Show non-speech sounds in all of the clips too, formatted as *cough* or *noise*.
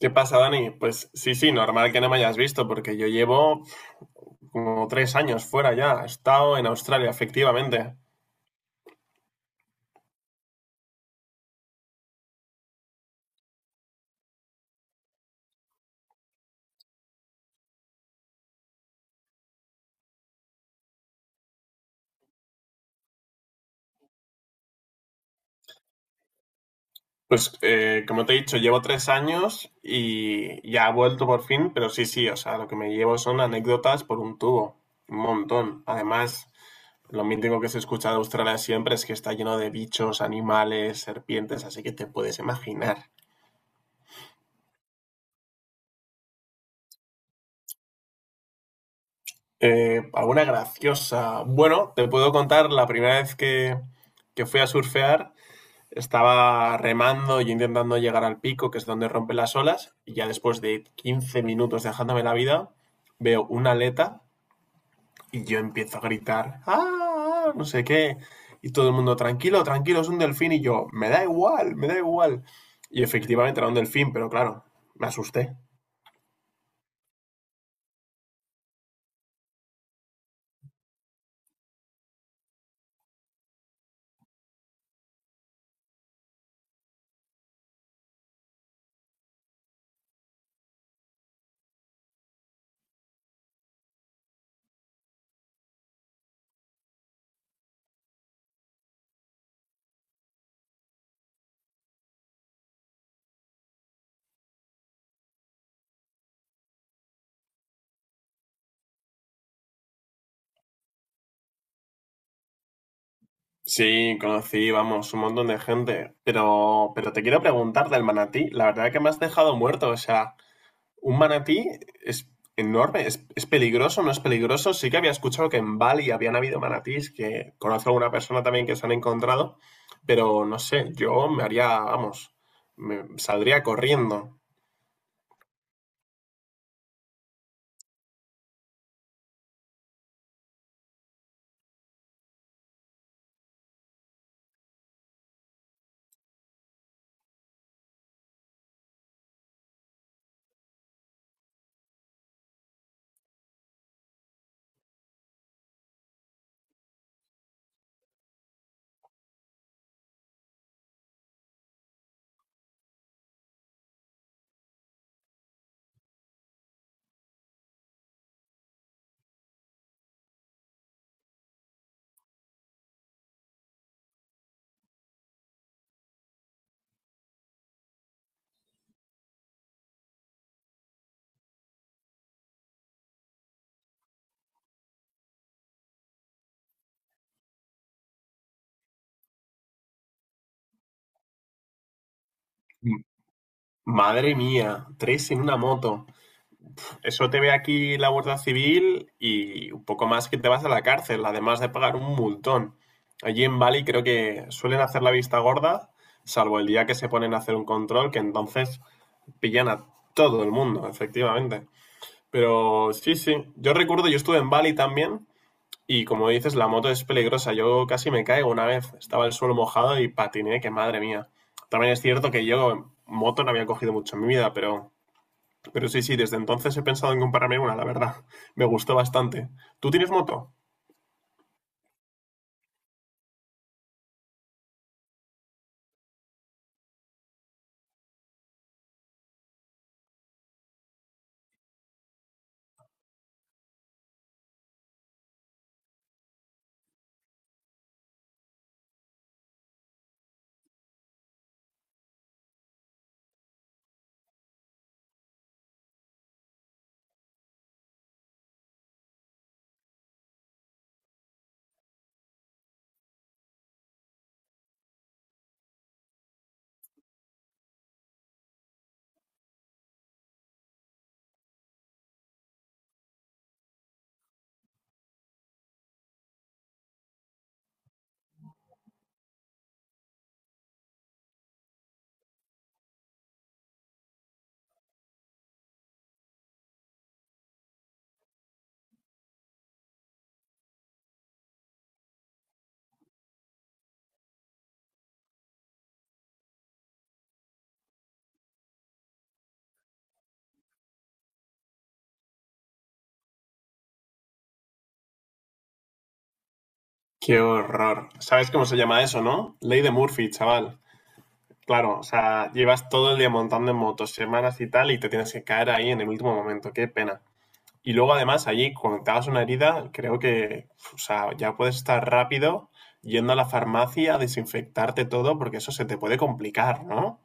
¿Qué pasa, Dani? Pues sí, sí, normal que no me hayas visto, porque yo llevo como 3 años fuera ya. He estado en Australia, efectivamente. Pues como te he dicho, llevo 3 años y ya he vuelto por fin, pero sí, sí, o sea, lo que me llevo son anécdotas por un tubo, un montón. Además, lo mítico que se escucha de Australia siempre es que está lleno de bichos, animales, serpientes, así que te puedes imaginar. Alguna graciosa. Bueno, te puedo contar la primera vez que fui a surfear. Estaba remando y intentando llegar al pico, que es donde rompen las olas, y ya después de 15 minutos dejándome la vida, veo una aleta y yo empiezo a gritar, ¡ah! No sé qué. Y todo el mundo, tranquilo, tranquilo, es un delfín. Y yo, me da igual, me da igual. Y efectivamente era un delfín, pero claro, me asusté. Sí, conocí, vamos, un montón de gente. Pero te quiero preguntar del manatí. La verdad que me has dejado muerto. O sea, un manatí es enorme, es peligroso, no es peligroso. Sí que había escuchado que en Bali habían habido manatíes, que conozco a una persona también que se han encontrado, pero no sé, yo me haría, vamos, me saldría corriendo. M- Madre mía, tres en una moto. Eso te ve aquí la Guardia Civil y un poco más que te vas a la cárcel, además de pagar un multón. Allí en Bali creo que suelen hacer la vista gorda, salvo el día que se ponen a hacer un control, que entonces pillan a todo el mundo, efectivamente. Pero sí, sí. Yo recuerdo, yo estuve en Bali también y como dices, la moto es peligrosa. Yo casi me caigo una vez. Estaba el suelo mojado y patiné, que madre mía. También es cierto que yo moto no había cogido mucho en mi vida, pero sí, sí, desde entonces he pensado en comprarme una, la verdad. *laughs* Me gustó bastante. ¿Tú tienes moto? Qué horror. ¿Sabes cómo se llama eso, no? Ley de Murphy, chaval. Claro, o sea, llevas todo el día montando en motos, semanas y tal, y te tienes que caer ahí en el último momento. Qué pena. Y luego además allí, cuando te hagas una herida, creo que o sea, ya puedes estar rápido yendo a la farmacia a desinfectarte todo porque eso se te puede complicar, ¿no?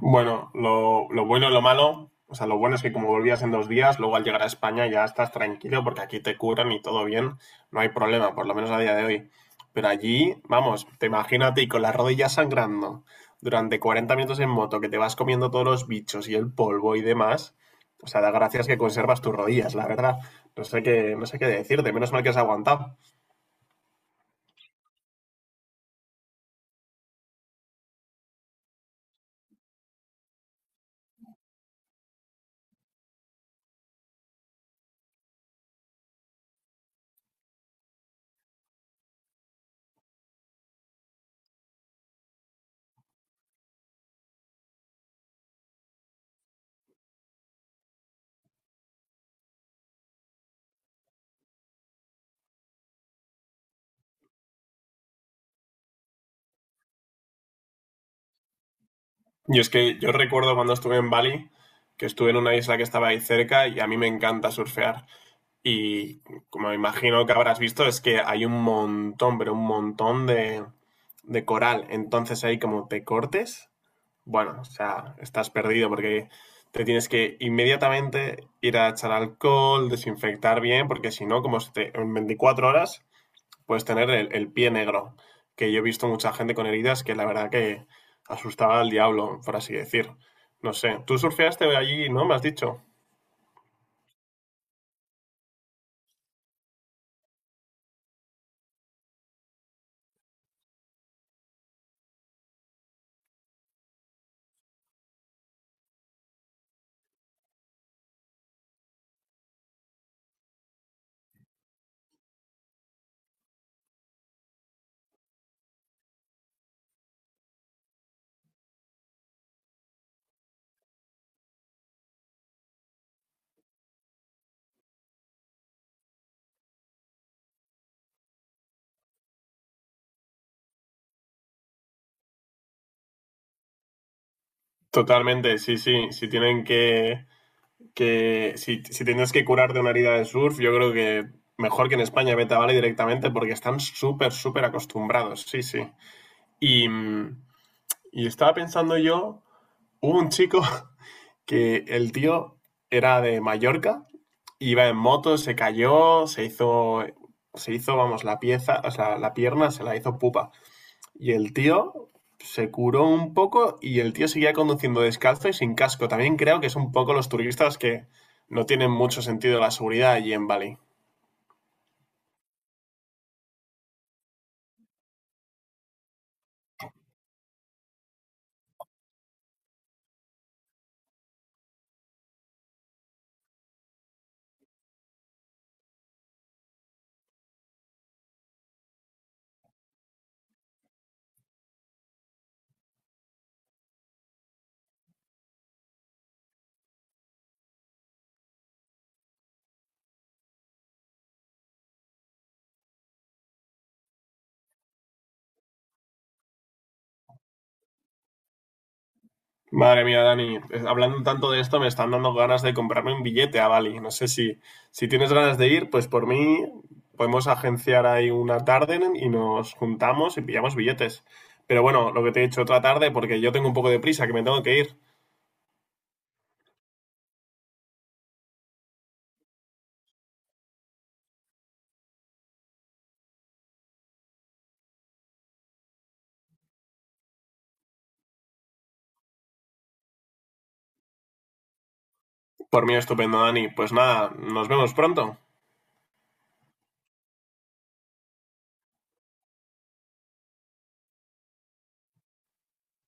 Bueno, lo bueno y lo malo, o sea, lo bueno es que como volvías en 2 días, luego al llegar a España ya estás tranquilo porque aquí te curan y todo bien, no hay problema, por lo menos a día de hoy. Pero allí, vamos, te imagínate y con las rodillas sangrando durante 40 minutos en moto, que te vas comiendo todos los bichos y el polvo y demás. O sea, da gracias que conservas tus rodillas, la verdad. No sé qué, no sé qué decirte, menos mal que has aguantado. Y es que yo recuerdo cuando estuve en Bali, que estuve en una isla que estaba ahí cerca y a mí me encanta surfear. Y como imagino que habrás visto, es que hay un montón, pero un montón de coral. Entonces ahí como te cortes, bueno, o sea, estás perdido porque te tienes que inmediatamente ir a echar alcohol, desinfectar bien, porque si no, como en 24 horas puedes tener el pie negro. Que yo he visto mucha gente con heridas que la verdad que asustaba al diablo, por así decir. No sé, tú surfeaste allí, ¿no? Me has dicho. Totalmente, sí, sí. Si tienen que si, si tienes que curar de una herida de surf, yo creo que mejor que en España vete a Bali directamente porque están súper, súper acostumbrados, sí, sí. Y, y estaba pensando yo, hubo un chico *laughs* que el tío era de Mallorca, iba en moto, se cayó, se hizo, vamos, la pieza, o sea, la pierna se la hizo pupa. Y el tío se curó un poco y el tío seguía conduciendo descalzo y sin casco. También creo que es un poco los turistas que no tienen mucho sentido la seguridad allí en Bali. Madre mía, Dani, hablando tanto de esto me están dando ganas de comprarme un billete a Bali. No sé si tienes ganas de ir, pues por mí podemos agenciar ahí una tarde y nos juntamos y pillamos billetes. Pero bueno, lo que te he dicho otra tarde porque yo tengo un poco de prisa que me tengo que ir. Por mí estupendo, Dani. Pues nada, nos vemos pronto.